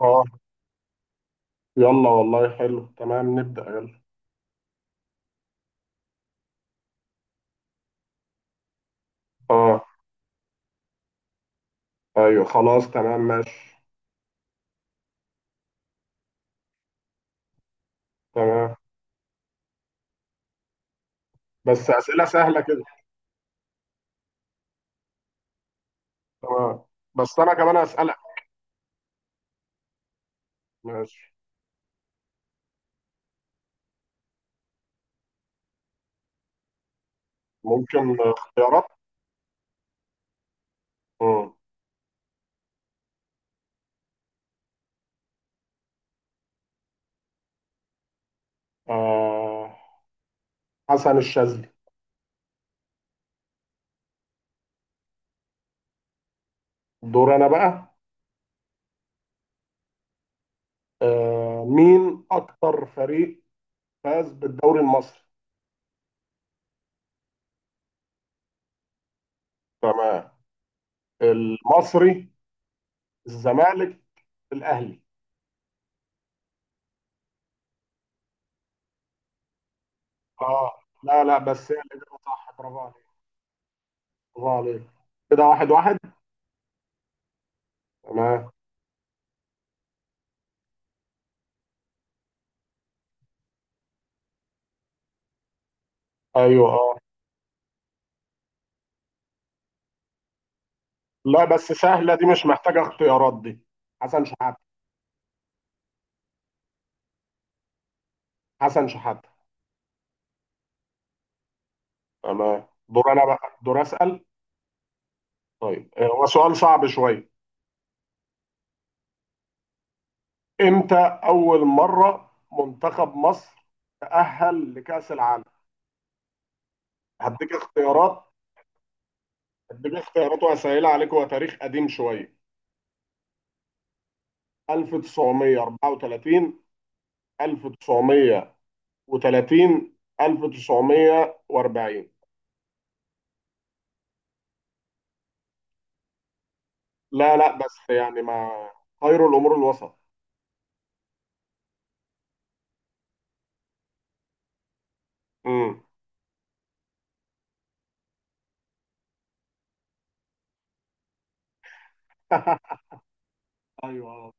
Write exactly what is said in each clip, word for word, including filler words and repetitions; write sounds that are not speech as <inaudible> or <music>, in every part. اه، يلا والله حلو تمام، نبدأ يلا. اه، ايوه، خلاص، تمام، ماشي. تمام، بس أسئلة سهلة كده. تمام، بس أنا كمان أسألك. ماشي، ممكن اختيارات؟ مم. آه. حسن الشاذلي. دور أنا بقى. آه مين أكتر فريق فاز بالدوري المصري؟ تمام. المصري، الزمالك، الأهلي؟ اه، لا لا، بس هي الإجابة صح. برافو عليك. برافو عليك. كده واحد واحد. تمام، ايوه، اه. لا، بس سهلة دي، مش محتاجة اختيارات دي. حسن شحاتة. حسن شحاتة. تمام، دور أنا بقى، دور أسأل. طيب، آه، هو سؤال صعب شوية. إمتى أول مرة منتخب مصر تأهل لكأس العالم؟ هديك اختيارات. هديك اختيارات وهسهلها عليك، هو تاريخ قديم شوية. ألف وتسعمية وأربعة وتلاتين، ألف وتسعمية وتلاتين، ألف وتسعمية وأربعين؟ لا لا، بس يعني ما. خير الأمور الوسط. امم. <laughs> ايوه،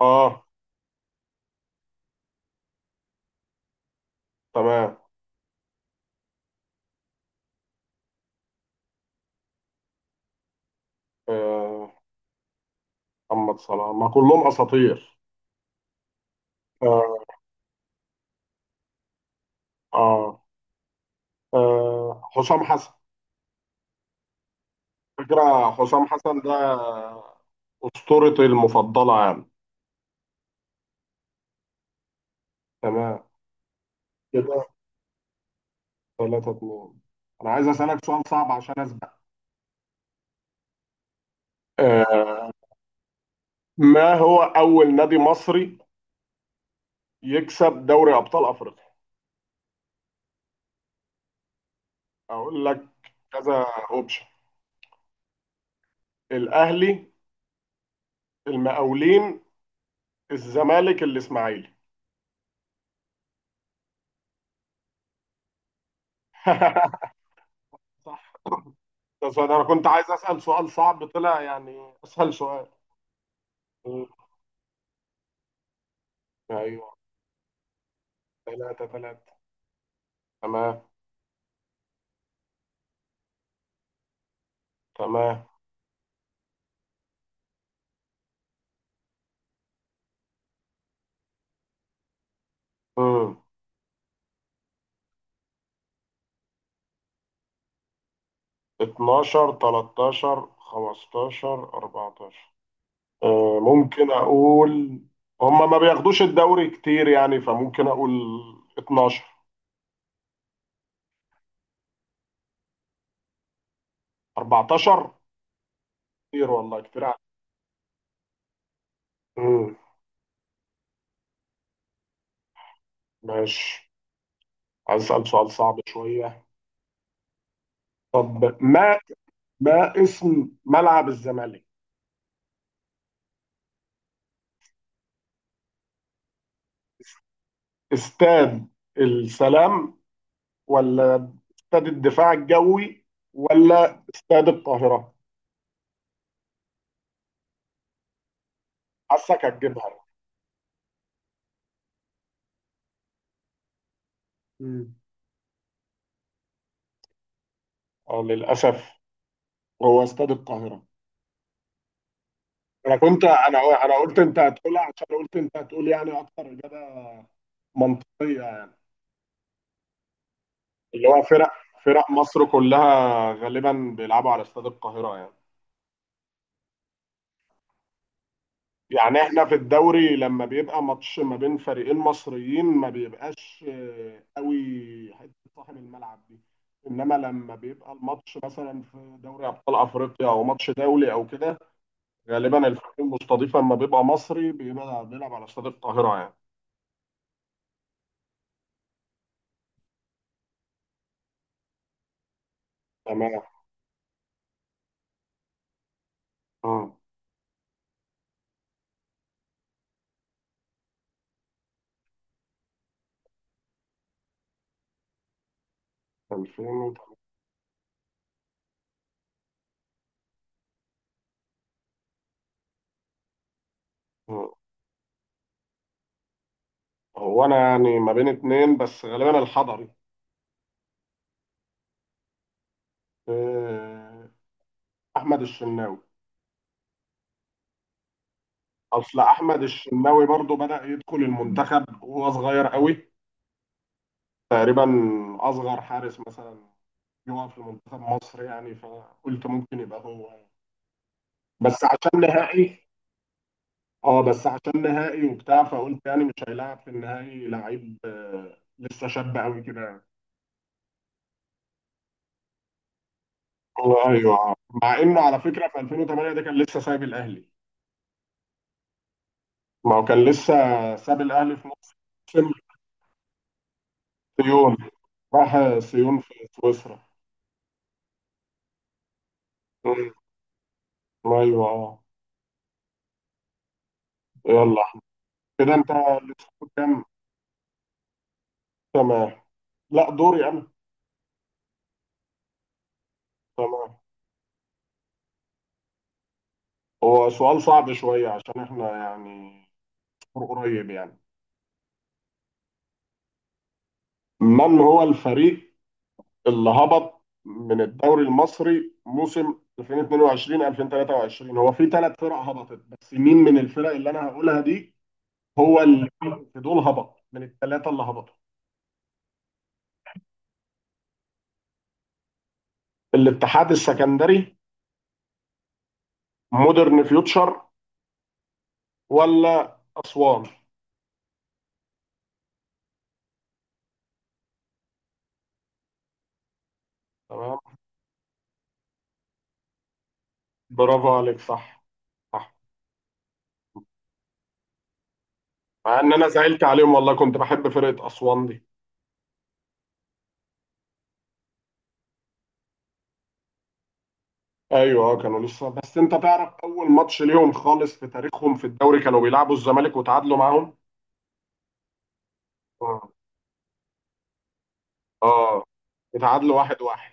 اه. تمام. آه. محمد صلاح، ما كلهم اساطير. آه. آه, آه حسام حسن. فكرة، حسام حسن ده اسطورتي المفضلة يعني. تمام، كده تلاتة اتنين. انا عايز اسالك سؤال صعب عشان اسبق. آه ما هو اول نادي مصري يكسب دوري ابطال افريقيا؟ اقول لك كذا اوبشن. الاهلي، المقاولين، الزمالك، الاسماعيلي؟ <laughs> ده سؤال انا كنت عايز اسال سؤال صعب، طلع يعني اسهل سؤال. مم. ايوه، تلاتة تلاتة. تمام. تمام. مم. اتناشر، تلاتاشر، خمستاشر، اربعتاشر؟ آه، ممكن اقول، هما ما بياخدوش الدوري كتير يعني، فممكن اقول اتناشر. أربعة عشر؟ كتير، والله كتير عليك. مم. ماشي، عايز اسال سؤال صعب شويه. طب، ما ما اسم ملعب الزمالك؟ استاد السلام، ولا استاد الدفاع الجوي، ولا استاد القاهرة؟ حاسك هتجيبها. مم. اه، للأسف، هو استاد القاهرة. أنا كنت أنا أنا قلت أنت هتقولها، عشان قلت أنت هتقول يعني أكتر إجابة منطقية يعني. اللي هو فرق فرق مصر كلها غالبا بيلعبوا على استاد القاهرة يعني. يعني احنا في الدوري لما بيبقى ماتش ما بين فريقين مصريين، ما بيبقاش آه، قوي، حته صاحب الملعب دي. انما لما بيبقى الماتش مثلا في دوري ابطال افريقيا، او ماتش دولي، او كده، غالبا الفريق المستضيف لما بيبقى مصري بيبقى بيلعب على استاد القاهره يعني. تمام. اه. ألفين. آه. هو انا يعني ما بين اتنين، بس غالبا الحضري. آه، احمد الشناوي. اصل احمد الشناوي برضو بدأ يدخل المنتخب وهو صغير قوي، تقريبا اصغر حارس مثلا يقف لمنتخب مصر يعني، فقلت ممكن يبقى هو يعني. بس عشان نهائي. اه، بس عشان نهائي وبتاع، فقلت يعني مش هيلاعب في النهائي لعيب آه، لسه شاب قوي كده يعني. هو، ايوه. مع انه على فكره في ألفين وتمانية ده كان لسه سايب الاهلي. ما هو كان لسه ساب الاهلي في موسم. سيون. راح سيون في سويسرا. مم. ايوه، اه. يلا. كده انت اللي كام؟ تمام، لا، دوري انا. تمام. هو سؤال صعب شوية عشان احنا يعني فور قريب يعني. من هو الفريق اللي هبط من الدوري المصري موسم ألفين واتنين وعشرين ألفين وتلاتة وعشرين؟ هو في ثلاث فرق هبطت، بس مين من الفرق اللي انا هقولها دي هو اللي في دول، هبط من الثلاثة اللي هبطوا؟ الاتحاد السكندري، مودرن فيوتشر، ولا اسوان؟ تمام، برافو عليك، صح، صح. مع ان انا زعلت عليهم والله، كنت بحب فرقة اسوان دي. ايوه، آه، كانوا لسه، بس انت تعرف اول ماتش ليهم خالص في تاريخهم في الدوري كانوا بيلعبوا الزمالك وتعادلوا معاهم. اه. اه. اتعادلوا واحد واحد.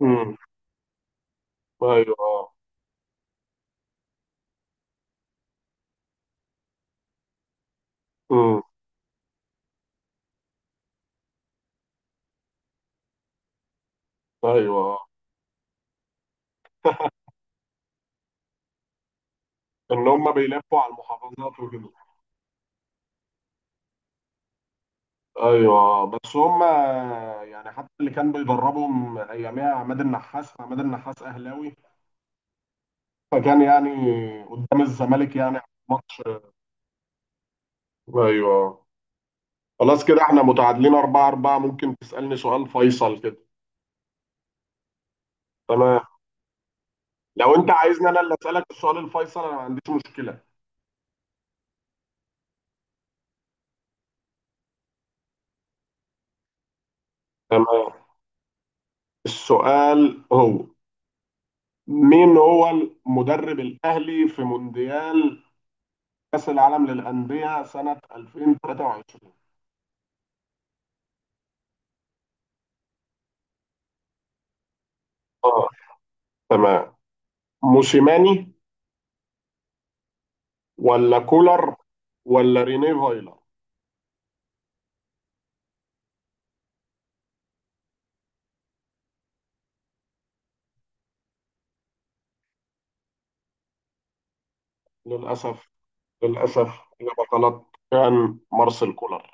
امم. ايوه، اه. امم. ايوه. آه. ان هم بيلفوا على المحافظات وكده. ايوه. آه. بس هم يعني حتى اللي كان بيدربهم اياميها عماد النحاس، عماد النحاس اهلاوي، فكان يعني قدام الزمالك يعني ماتش. ايوه. آه. خلاص، كده احنا متعادلين أربعة أربعة، ممكن تسألني سؤال فيصل كده. تمام. لو انت عايزني انا اللي اسالك السؤال الفيصل، انا ما عنديش مشكله. تمام، السؤال هو مين هو المدرب الاهلي في مونديال كاس العالم للانديه سنه ألفين وتلاتة وعشرين؟ اه، تمام. موسيماني، ولا كولر، ولا ريني فايلر؟ للاسف. للاسف. اجابه غلط، كان مارسيل كولر.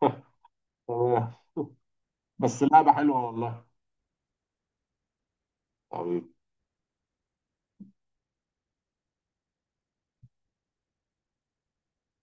<laughs> تمام، بس لعبه حلوه والله. حبيبي.